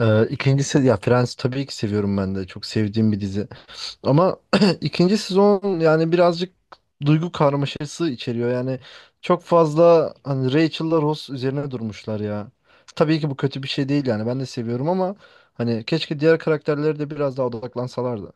İkinci ya Friends tabii ki seviyorum ben de çok sevdiğim bir dizi ama ikinci sezon yani birazcık duygu karmaşası içeriyor yani çok fazla hani Rachel'la Ross üzerine durmuşlar ya, tabii ki bu kötü bir şey değil yani ben de seviyorum ama hani keşke diğer karakterlere de biraz daha odaklansalardı.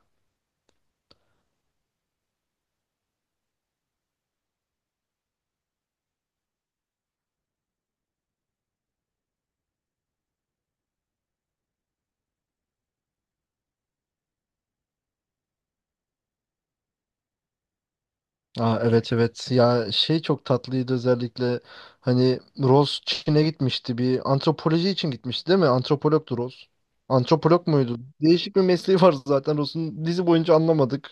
Aa, evet evet ya şey çok tatlıydı özellikle hani Ross Çin'e gitmişti, bir antropoloji için gitmişti değil mi? Antropologtu Ross. Antropolog muydu? Değişik bir mesleği var zaten Ross'un, dizi boyunca anlamadık.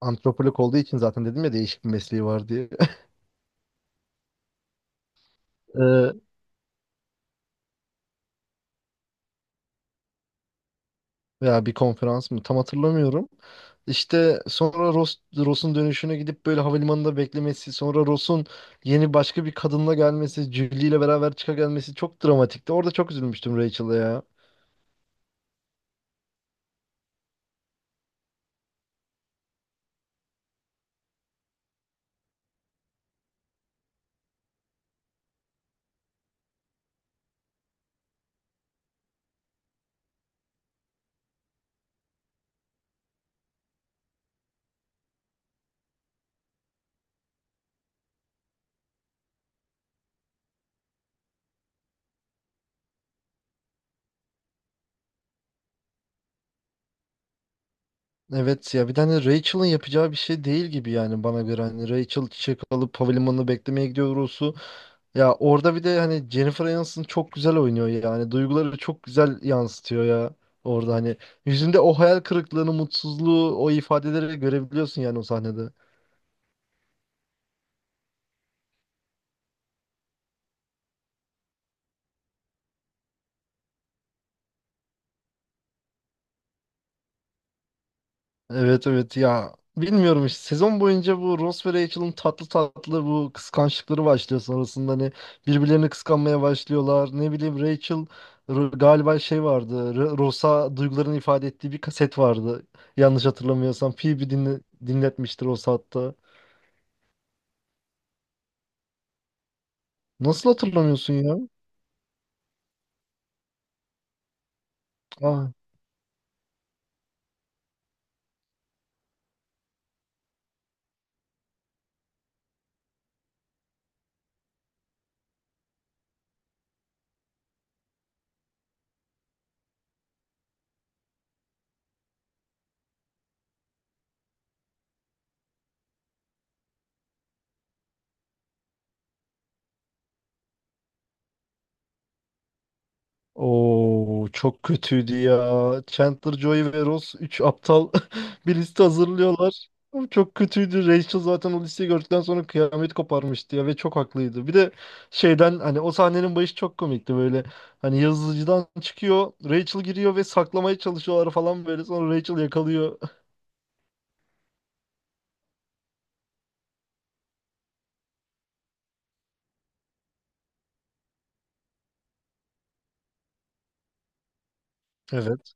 Antropolog olduğu için zaten dedim ya değişik bir mesleği var diye. Ee, Veya bir konferans mı, tam hatırlamıyorum. İşte sonra Ross, Ross'un dönüşüne gidip böyle havalimanında beklemesi, sonra Ross'un yeni başka bir kadınla gelmesi, Julie ile beraber çıka gelmesi çok dramatikti. Orada çok üzülmüştüm Rachel'a ya. Evet ya, bir tane Rachel'ın yapacağı bir şey değil gibi yani, bana göre hani Rachel çiçek alıp havalimanına beklemeye gidiyor Ross'u. Ya orada bir de hani Jennifer Aniston çok güzel oynuyor, yani duyguları çok güzel yansıtıyor ya. Orada hani yüzünde o hayal kırıklığını, mutsuzluğu, o ifadeleri görebiliyorsun yani, o sahnede. Evet evet ya, bilmiyorum işte sezon boyunca bu Ross ve Rachel'ın tatlı tatlı bu kıskançlıkları başlıyor, sonrasında hani birbirlerini kıskanmaya başlıyorlar, ne bileyim Rachel galiba şey vardı, Ross'a duygularını ifade ettiği bir kaset vardı, yanlış hatırlamıyorsam Phoebe dinletmiştir Ross'a hatta. Nasıl hatırlamıyorsun ya? Ah. Oo, çok kötüydü ya. Chandler, Joey ve Ross 3 aptal bir liste hazırlıyorlar. Oğlum, çok kötüydü. Rachel zaten o listeyi gördükten sonra kıyamet koparmıştı ya, ve çok haklıydı. Bir de şeyden, hani o sahnenin başı çok komikti böyle. Hani yazıcıdan çıkıyor, Rachel giriyor ve saklamaya çalışıyorlar falan böyle. Sonra Rachel yakalıyor. Evet.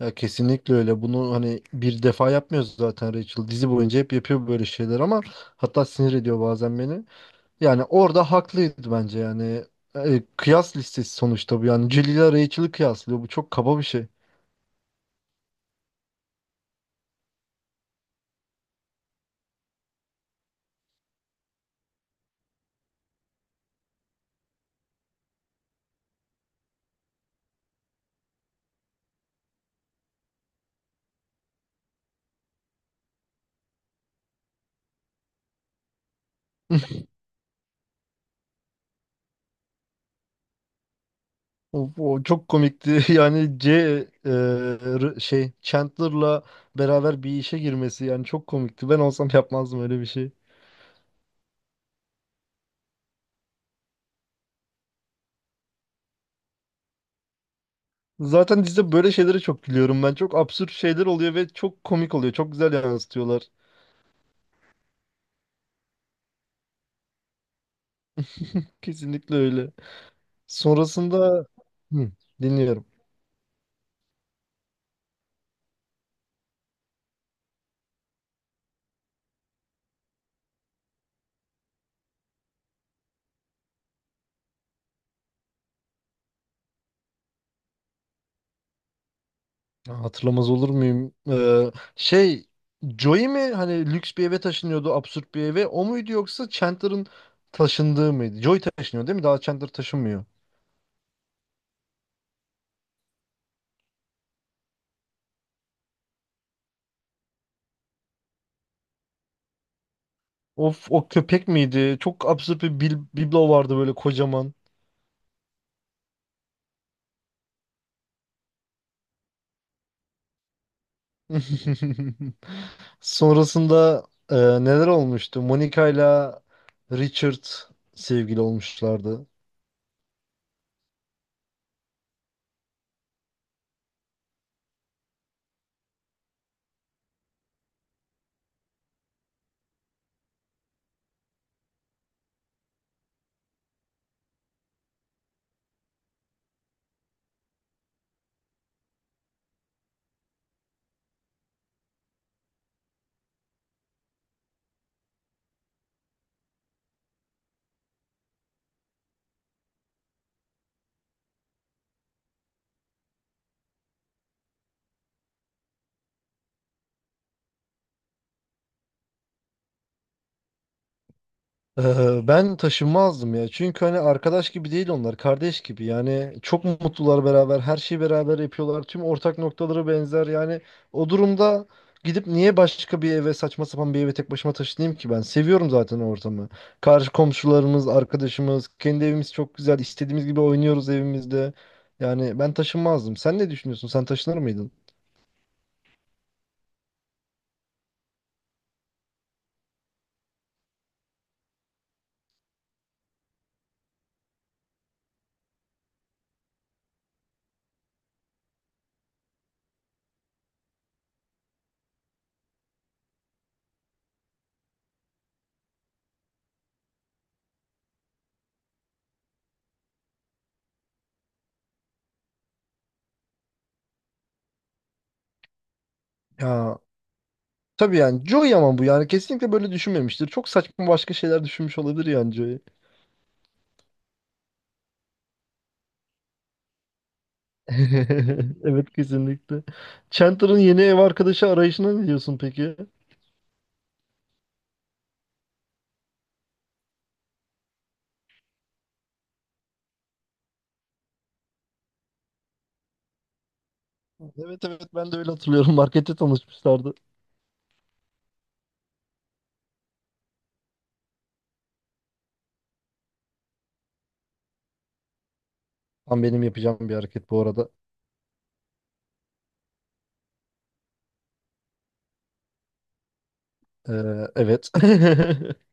Ya kesinlikle öyle. Bunu hani bir defa yapmıyoruz zaten Rachel. Dizi boyunca hep yapıyor böyle şeyler ama, hatta sinir ediyor bazen beni. Yani orada haklıydı bence yani. E, kıyas listesi sonuçta bu yani. Celil ile Rachel'ı kıyaslıyor. Bu çok kaba bir şey. O çok komikti. Yani C e, R- şey Chandler'la beraber bir işe girmesi yani çok komikti. Ben olsam yapmazdım öyle bir şey. Zaten dizide böyle şeylere çok gülüyorum ben. Çok absürt şeyler oluyor ve çok komik oluyor. Çok güzel yansıtıyorlar. Kesinlikle öyle. Sonrasında. Hı, dinliyorum. Ya hatırlamaz olur muyum? Şey Joey mi hani lüks bir eve taşınıyordu, absürt bir eve? O muydu yoksa Chandler'ın taşındığı mıydı? Joey taşınıyor değil mi? Daha Chandler taşınmıyor. Of, o köpek miydi? Çok absürt bir biblo vardı böyle kocaman. Sonrasında neler olmuştu? Monica ile Richard sevgili olmuşlardı. Ben taşınmazdım ya. Çünkü hani arkadaş gibi değil onlar, kardeş gibi. Yani çok mutlular beraber, her şeyi beraber yapıyorlar. Tüm ortak noktaları benzer. Yani o durumda gidip niye başka bir eve, saçma sapan bir eve tek başıma taşınayım ki ben? Seviyorum zaten o ortamı. Karşı komşularımız, arkadaşımız, kendi evimiz çok güzel. İstediğimiz gibi oynuyoruz evimizde. Yani ben taşınmazdım. Sen ne düşünüyorsun? Sen taşınır mıydın? Ya tabii yani Joey, ama bu yani kesinlikle böyle düşünmemiştir. Çok saçma başka şeyler düşünmüş olabilir yani Joey. Evet kesinlikle. Chandler'ın yeni ev arkadaşı arayışına ne diyorsun peki? Evet evet, ben de öyle hatırlıyorum. Markette tanışmışlardı. Tam benim yapacağım bir hareket bu arada. Ee, evet.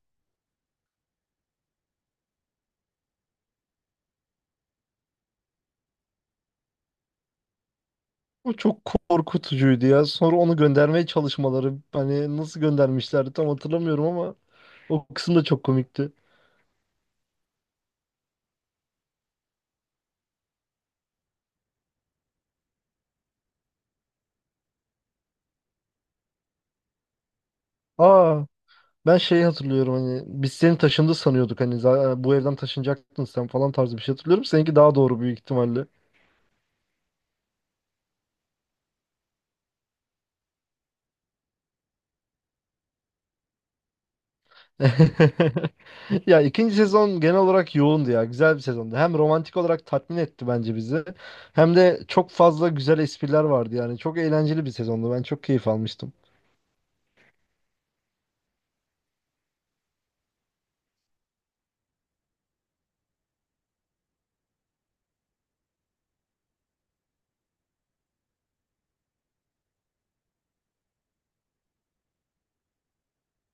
Bu çok korkutucuydu ya. Sonra onu göndermeye çalışmaları. Hani nasıl göndermişlerdi tam hatırlamıyorum ama o kısım da çok komikti. Aa, ben şeyi hatırlıyorum, hani biz seni taşındı sanıyorduk, hani bu evden taşınacaktın sen falan tarzı bir şey hatırlıyorum. Seninki daha doğru büyük ihtimalle. Ya ikinci sezon genel olarak yoğundu ya. Güzel bir sezondu. Hem romantik olarak tatmin etti bence bizi. Hem de çok fazla güzel espriler vardı yani. Çok eğlenceli bir sezondu. Ben çok keyif almıştım.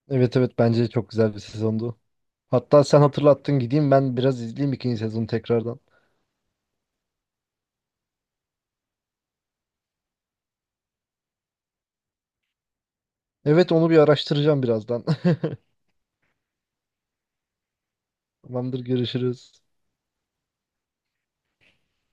Evet evet, bence çok güzel bir sezondu. Hatta sen hatırlattın, gideyim ben biraz izleyeyim ikinci sezonu tekrardan. Evet, onu bir araştıracağım birazdan. Tamamdır, görüşürüz.